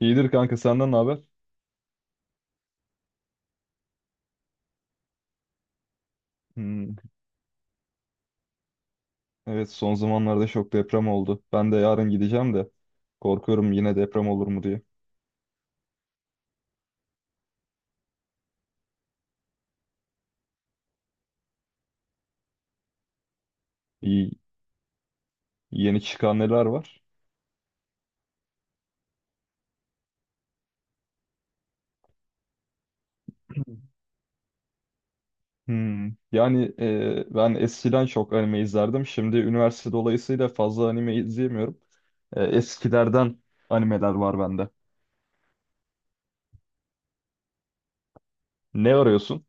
İyidir kanka, senden ne haber? Hmm, evet, son zamanlarda çok deprem oldu. Ben de yarın gideceğim de korkuyorum yine deprem olur mu diye. İyi, yeni çıkan neler var? Hmm, ben eskiden çok anime izlerdim. Şimdi üniversite dolayısıyla fazla anime izleyemiyorum. Eskilerden animeler var bende. Ne arıyorsun?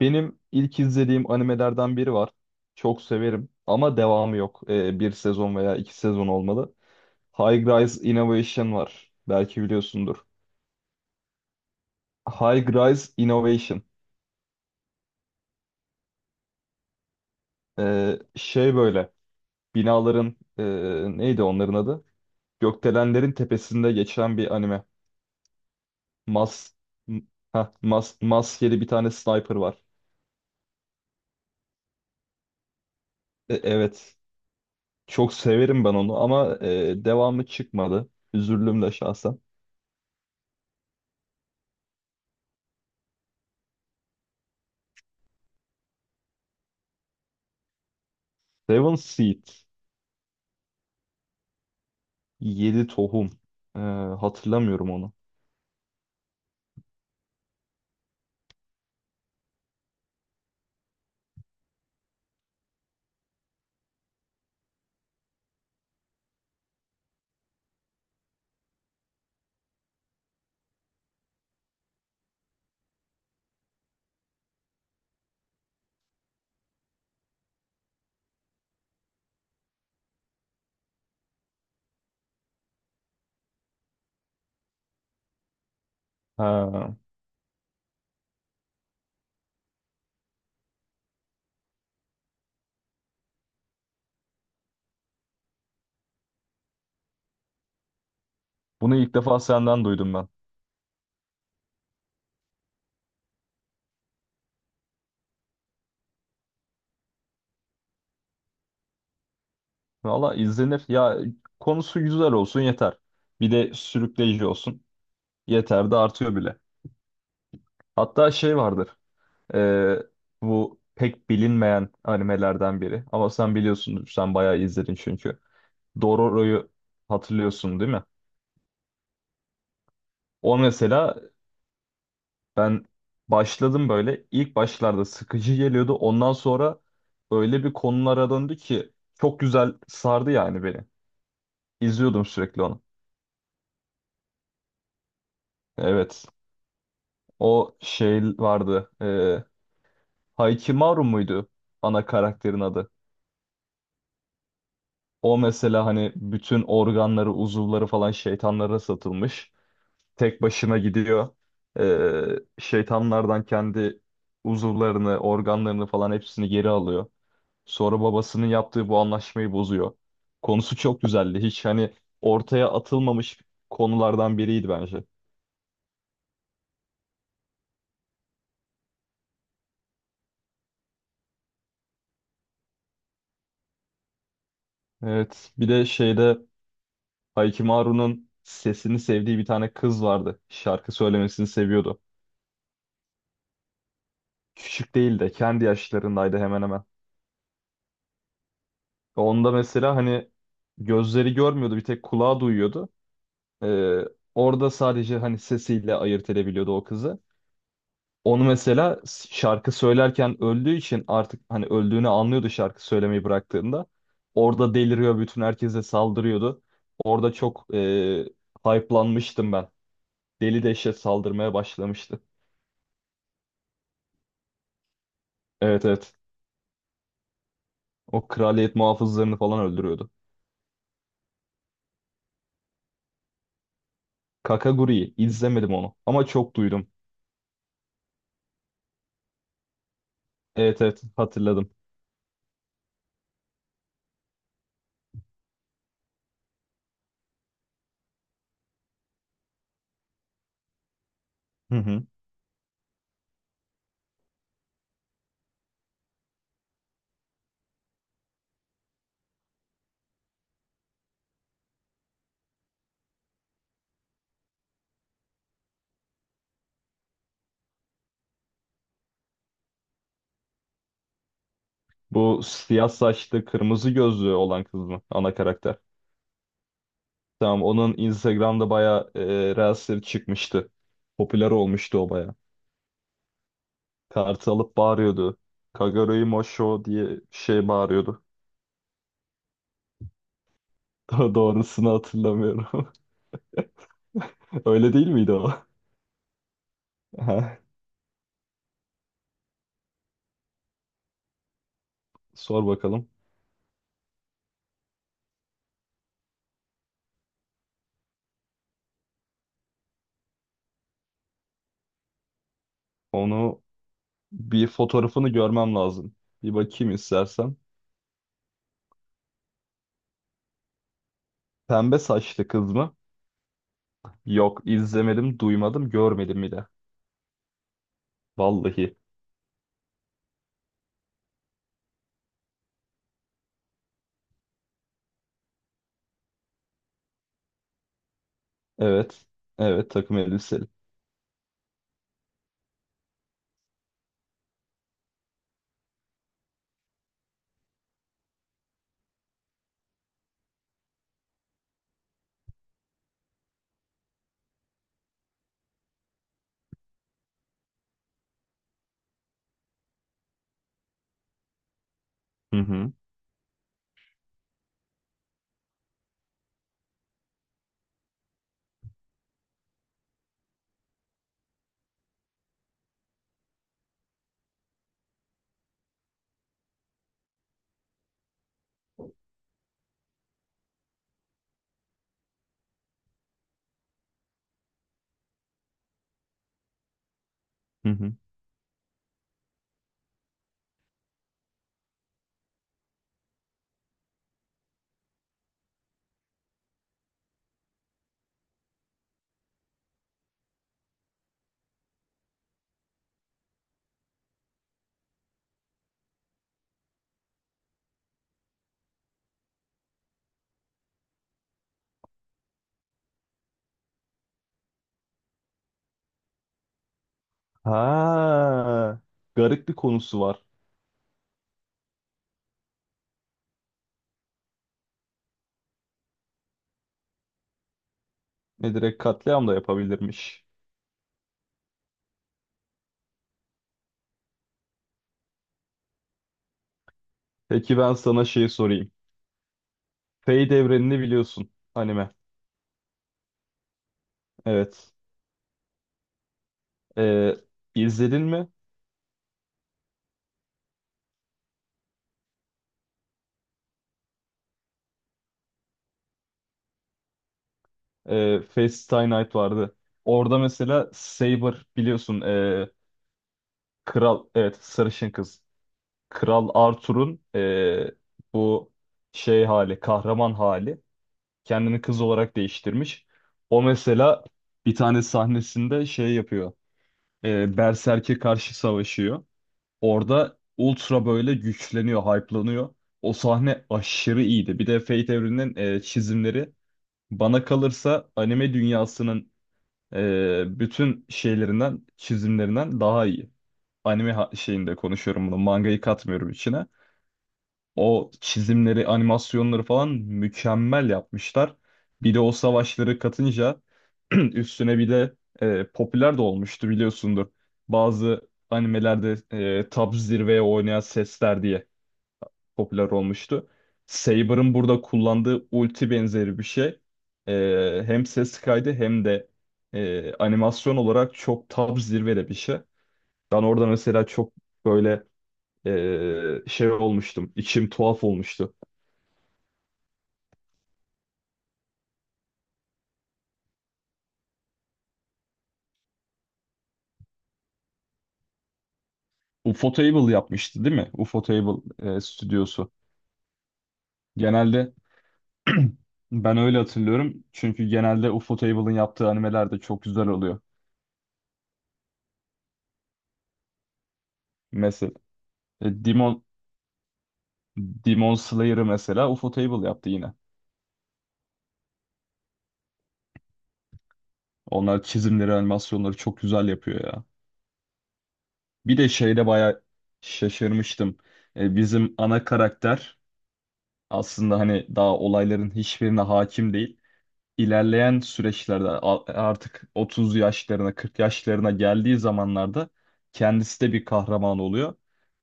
Benim ilk izlediğim animelerden biri var. Çok severim ama devamı yok. Bir sezon veya iki sezon olmalı. High Rise Innovation var. Belki biliyorsundur. High Rise Innovation. Şey, böyle binaların neydi onların adı? Gökdelenlerin tepesinde geçen bir anime. Mas m- maskeli bir tane sniper var. Evet. Çok severim ben onu ama devamı çıkmadı. Üzüldüm de şahsen. Seven Seed. Yedi tohum. Ee, hatırlamıyorum onu. Ha, bunu ilk defa senden duydum ben. Valla izlenir. Ya, konusu güzel olsun yeter. Bir de sürükleyici olsun. Yeter de artıyor bile. Hatta şey vardır. e, Bu pek bilinmeyen animelerden biri. Ama sen biliyorsundur. Sen bayağı izledin çünkü. Dororo'yu hatırlıyorsun değil mi? O mesela ben başladım böyle. İlk başlarda sıkıcı geliyordu. Ondan sonra öyle bir konulara döndü ki çok güzel sardı yani beni. İzliyordum sürekli onu. Evet. O şey vardı. Haikimaru muydu ana karakterin adı? O mesela hani bütün organları, uzuvları falan şeytanlara satılmış. Tek başına gidiyor. Şeytanlardan kendi uzuvlarını, organlarını falan hepsini geri alıyor. Sonra babasının yaptığı bu anlaşmayı bozuyor. Konusu çok güzeldi. Hiç hani ortaya atılmamış konulardan biriydi bence. Evet. Bir de şeyde Haikimaru'nun sesini sevdiği bir tane kız vardı. Şarkı söylemesini seviyordu. Küçük değil de kendi yaşlarındaydı hemen hemen. Onda mesela hani gözleri görmüyordu, bir tek kulağı duyuyordu. Ee, orada sadece hani sesiyle ayırt edebiliyordu o kızı. Onu mesela şarkı söylerken öldüğü için artık hani öldüğünü anlıyordu şarkı söylemeyi bıraktığında. Orada deliriyor, bütün herkese saldırıyordu. Orada çok hype'lanmıştım ben. Deli dehşet saldırmaya başlamıştı. Evet, evet. O kraliyet muhafızlarını falan öldürüyordu. Kakaguri'yi izlemedim, onu ama çok duydum. Evet, evet, hatırladım. Hı hı. Bu siyah saçlı, kırmızı gözlü olan kız mı? Ana karakter. Tamam, onun Instagram'da bayağı Reels'leri çıkmıştı. Popüler olmuştu o bayağı. Kartı alıp bağırıyordu. Kaguroi Mosho diye bir şey bağırıyordu. Daha doğrusunu hatırlamıyorum. Öyle değil miydi o? Aha, sor bakalım. Onu bir fotoğrafını görmem lazım. Bir bakayım istersen. Pembe saçlı kız mı? Yok, izlemedim, duymadım, görmedim bile. Vallahi. Evet. Evet, takım elbiseli. Hı hı. Hı hı. Ha, garip bir konusu var. Ne, direkt katliam da yapabilirmiş. Peki ben sana şeyi sorayım. Fate evrenini biliyorsun. Anime. Evet. Ee, izledin mi? Fate Stay Night vardı. Orada mesela Saber biliyorsun. Kral, evet, sarışın kız. Kral Arthur'un bu şey hali, kahraman hali. Kendini kız olarak değiştirmiş. O mesela bir tane sahnesinde şey yapıyor. E, Berserk'e karşı savaşıyor. Orada Ultra böyle güçleniyor, hype'lanıyor. O sahne aşırı iyiydi. Bir de Fate evreninin çizimleri, bana kalırsa, anime dünyasının bütün şeylerinden, çizimlerinden daha iyi. Anime şeyinde konuşuyorum bunu. Mangayı katmıyorum içine. O çizimleri, animasyonları falan mükemmel yapmışlar. Bir de o savaşları katınca üstüne bir de popüler de olmuştu, biliyorsundur. Bazı animelerde tab zirveye oynayan sesler diye popüler olmuştu. Saber'ın burada kullandığı ulti benzeri bir şey. Hem ses kaydı hem de animasyon olarak çok tab zirvede bir şey. Ben orada mesela çok böyle şey olmuştum. İçim tuhaf olmuştu. Ufotable yapmıştı değil mi? Ufotable stüdyosu. Genelde ben öyle hatırlıyorum. Çünkü genelde Ufotable'ın yaptığı animeler de çok güzel oluyor. Mesela e, Demon, Demon Slayer'ı mesela Ufotable yaptı yine. Onlar çizimleri, animasyonları çok güzel yapıyor ya. Bir de şeyde bayağı şaşırmıştım. Bizim ana karakter aslında hani daha olayların hiçbirine hakim değil. İlerleyen süreçlerde artık 30 yaşlarına, 40 yaşlarına geldiği zamanlarda kendisi de bir kahraman oluyor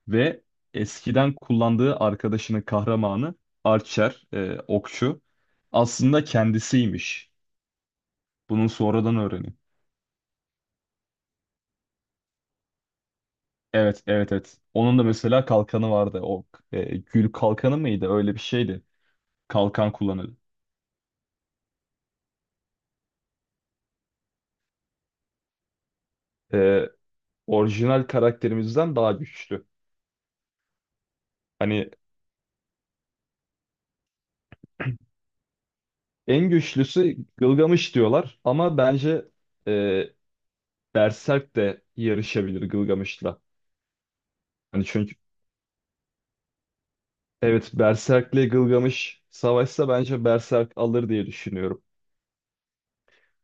ve eskiden kullandığı arkadaşının kahramanı Archer, okçu, aslında kendisiymiş. Bunu sonradan öğreniyor. Evet, evet, evet. Onun da mesela kalkanı vardı. O gül kalkanı mıydı? Öyle bir şeydi. Kalkan kullanıyordu. E, orijinal karakterimizden daha güçlü. Hani en güçlüsü Gılgamış diyorlar ama bence e, Berserk de yarışabilir Gılgamış'la. Hani çünkü evet, Berserk'le Gılgamış savaşsa bence Berserk alır diye düşünüyorum.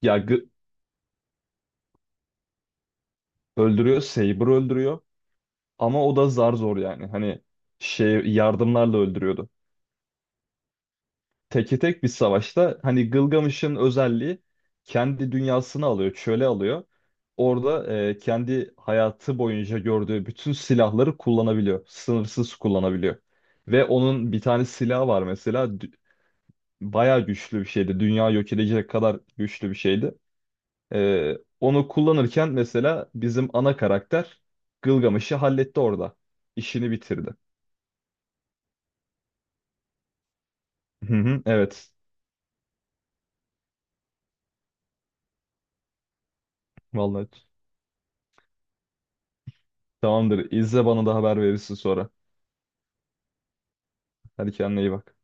Ya öldürüyor, Saber öldürüyor ama o da zar zor yani. Hani şey, yardımlarla öldürüyordu. Teke tek bir savaşta hani Gılgamış'ın özelliği, kendi dünyasını alıyor, çöle alıyor. Orada kendi hayatı boyunca gördüğü bütün silahları kullanabiliyor. Sınırsız kullanabiliyor. Ve onun bir tane silahı var mesela. Bayağı güçlü bir şeydi. Dünya yok edecek kadar güçlü bir şeydi. Onu kullanırken mesela bizim ana karakter Gılgamış'ı halletti orada. İşini bitirdi. Hı hı, evet. Vallahi tamamdır. İzle, bana da haber verirsin sonra. Hadi kendine iyi bak.